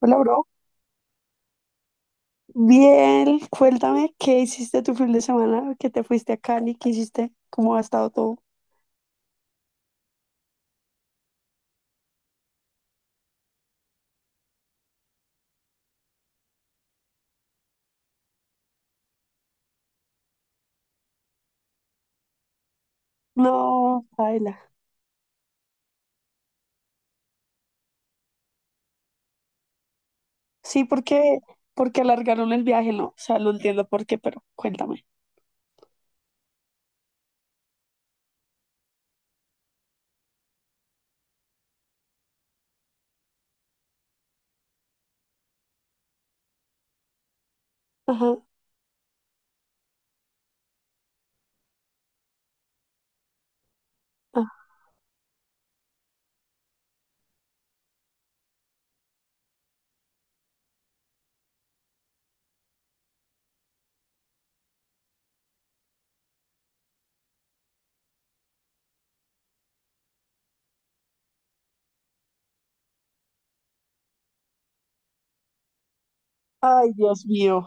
Hola, bro. Bien, cuéntame qué hiciste tu fin de semana, que te fuiste a Cali, qué hiciste, cómo ha estado todo. No, baila. Sí, porque, porque alargaron el viaje, no, o sea, no entiendo por qué, pero cuéntame. Ajá. Ajá. Ay, Dios mío.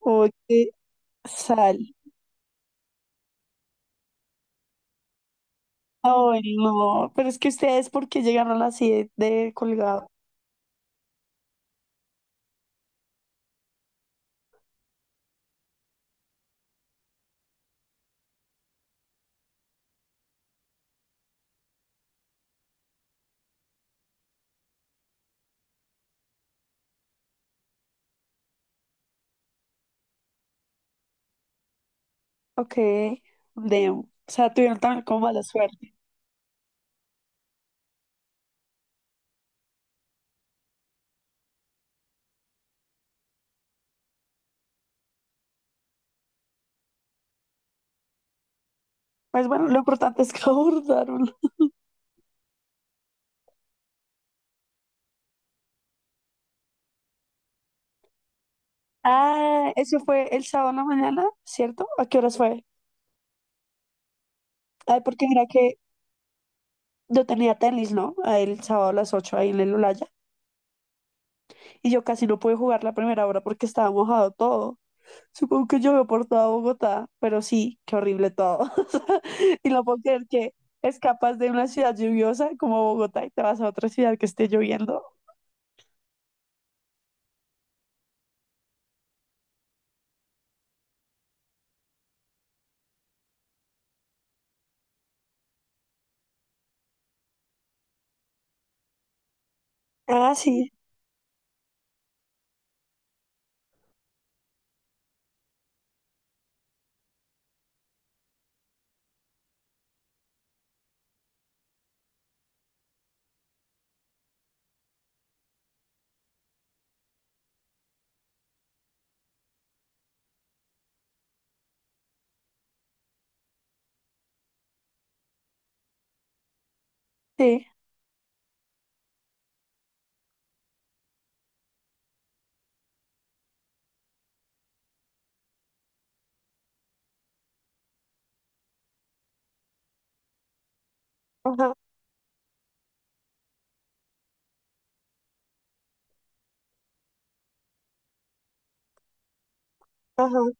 Oye, sal. Ay, no. Pero es que ustedes, ¿por qué llegaron así de colgado? Ok, de, o sea, tuvieron también como mala suerte. Pues bueno, lo importante es que abordaron. Ah, eso fue el sábado en la mañana, ¿cierto? ¿A qué horas fue? Ay, porque mira que yo tenía tenis, ¿no? Ahí el sábado a las 8 ahí en el Olaya. Y yo casi no pude jugar la primera hora porque estaba mojado todo. Supongo que llovió por toda Bogotá, pero sí, qué horrible todo. Y no puedo creer que escapas de una ciudad lluviosa como Bogotá y te vas a otra ciudad que esté lloviendo. Ah, sí, sí. Ajá, ajá.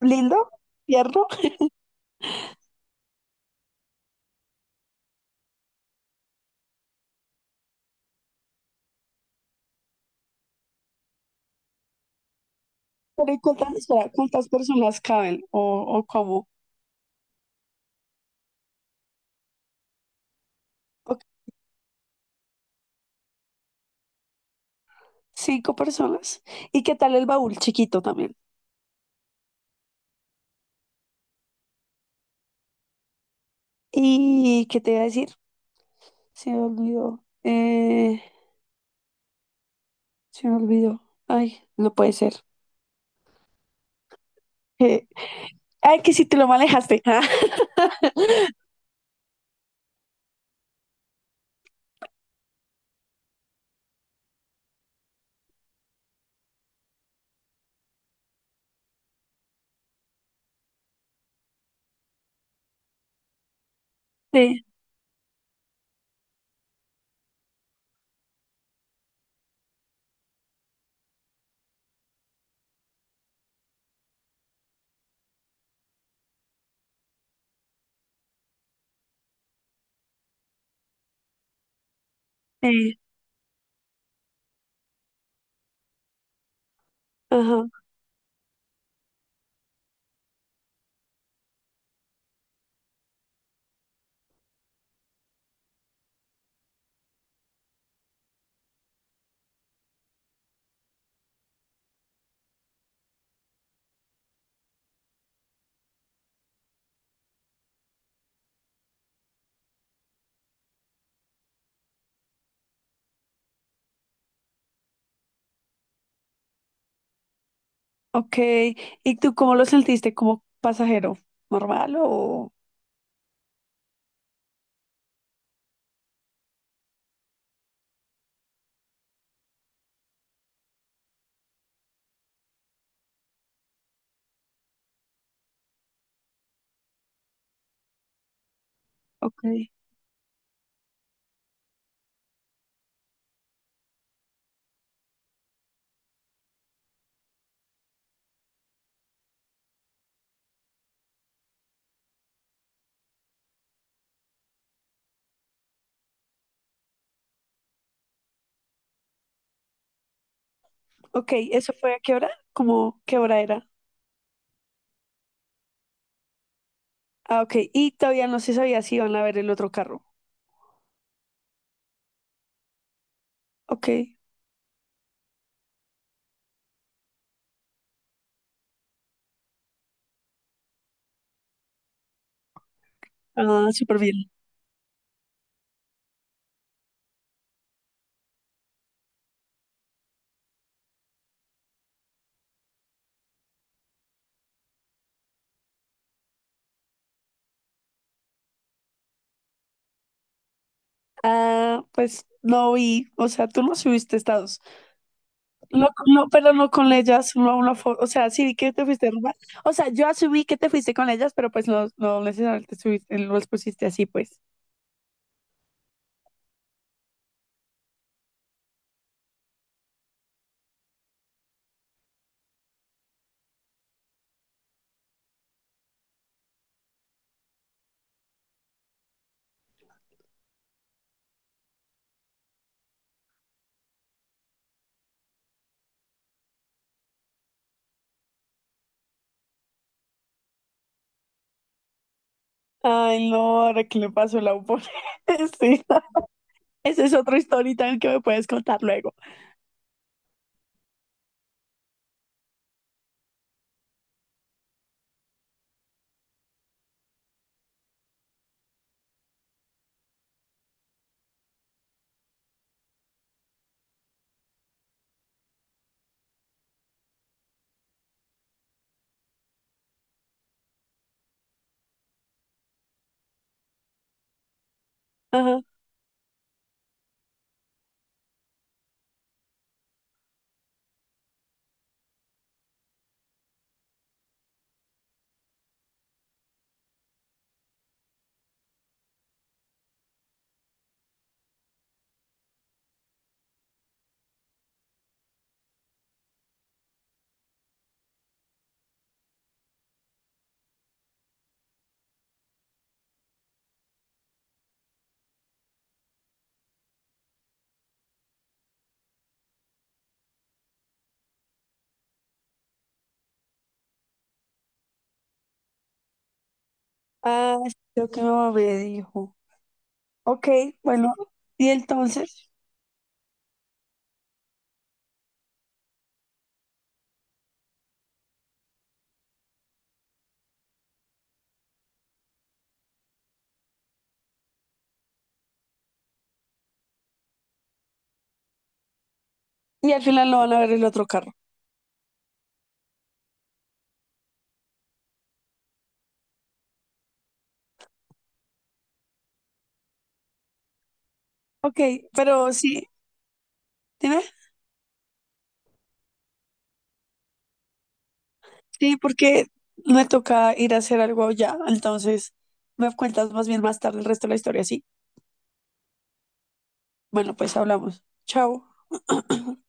Lindo, tierno. Pero ¿y cuántas, espera, cuántas personas caben o cómo? Cinco personas. ¿Y qué tal el baúl chiquito también? ¿Y qué te iba a decir? Se me olvidó. Se me olvidó. Ay, no puede ser. Eh, Ay, que si te lo manejaste. Ah, sí, sí. Ajá. Ok. ¿Y tú cómo lo sentiste? ¿Como pasajero? ¿Normal o...? Ok. Ok, ¿eso fue a qué hora? ¿Cómo qué hora era? Ah, ok. Y todavía no se sabía si iban a ver el otro carro. Ok. Ah, súper bien. Ah, pues no vi. O sea, tú no subiste estados. No, no, pero no con ellas, solo una foto. O sea, sí vi que te fuiste a robar. O sea, yo asumí que te fuiste con ellas, pero pues no, no necesariamente subiste, no los pusiste así, pues. Ay, no, ahora que le pasó la upone. Sí, esa es otra historia que me puedes contar luego. Ajá. Ah, sí, lo que mi mamá me dijo. Ok, bueno, y entonces. Y al final no van a ver el otro carro. Ok, pero sí, dime. Sí, porque me toca ir a hacer algo ya, entonces me cuentas más bien más tarde el resto de la historia, sí. Bueno, pues hablamos. Chao.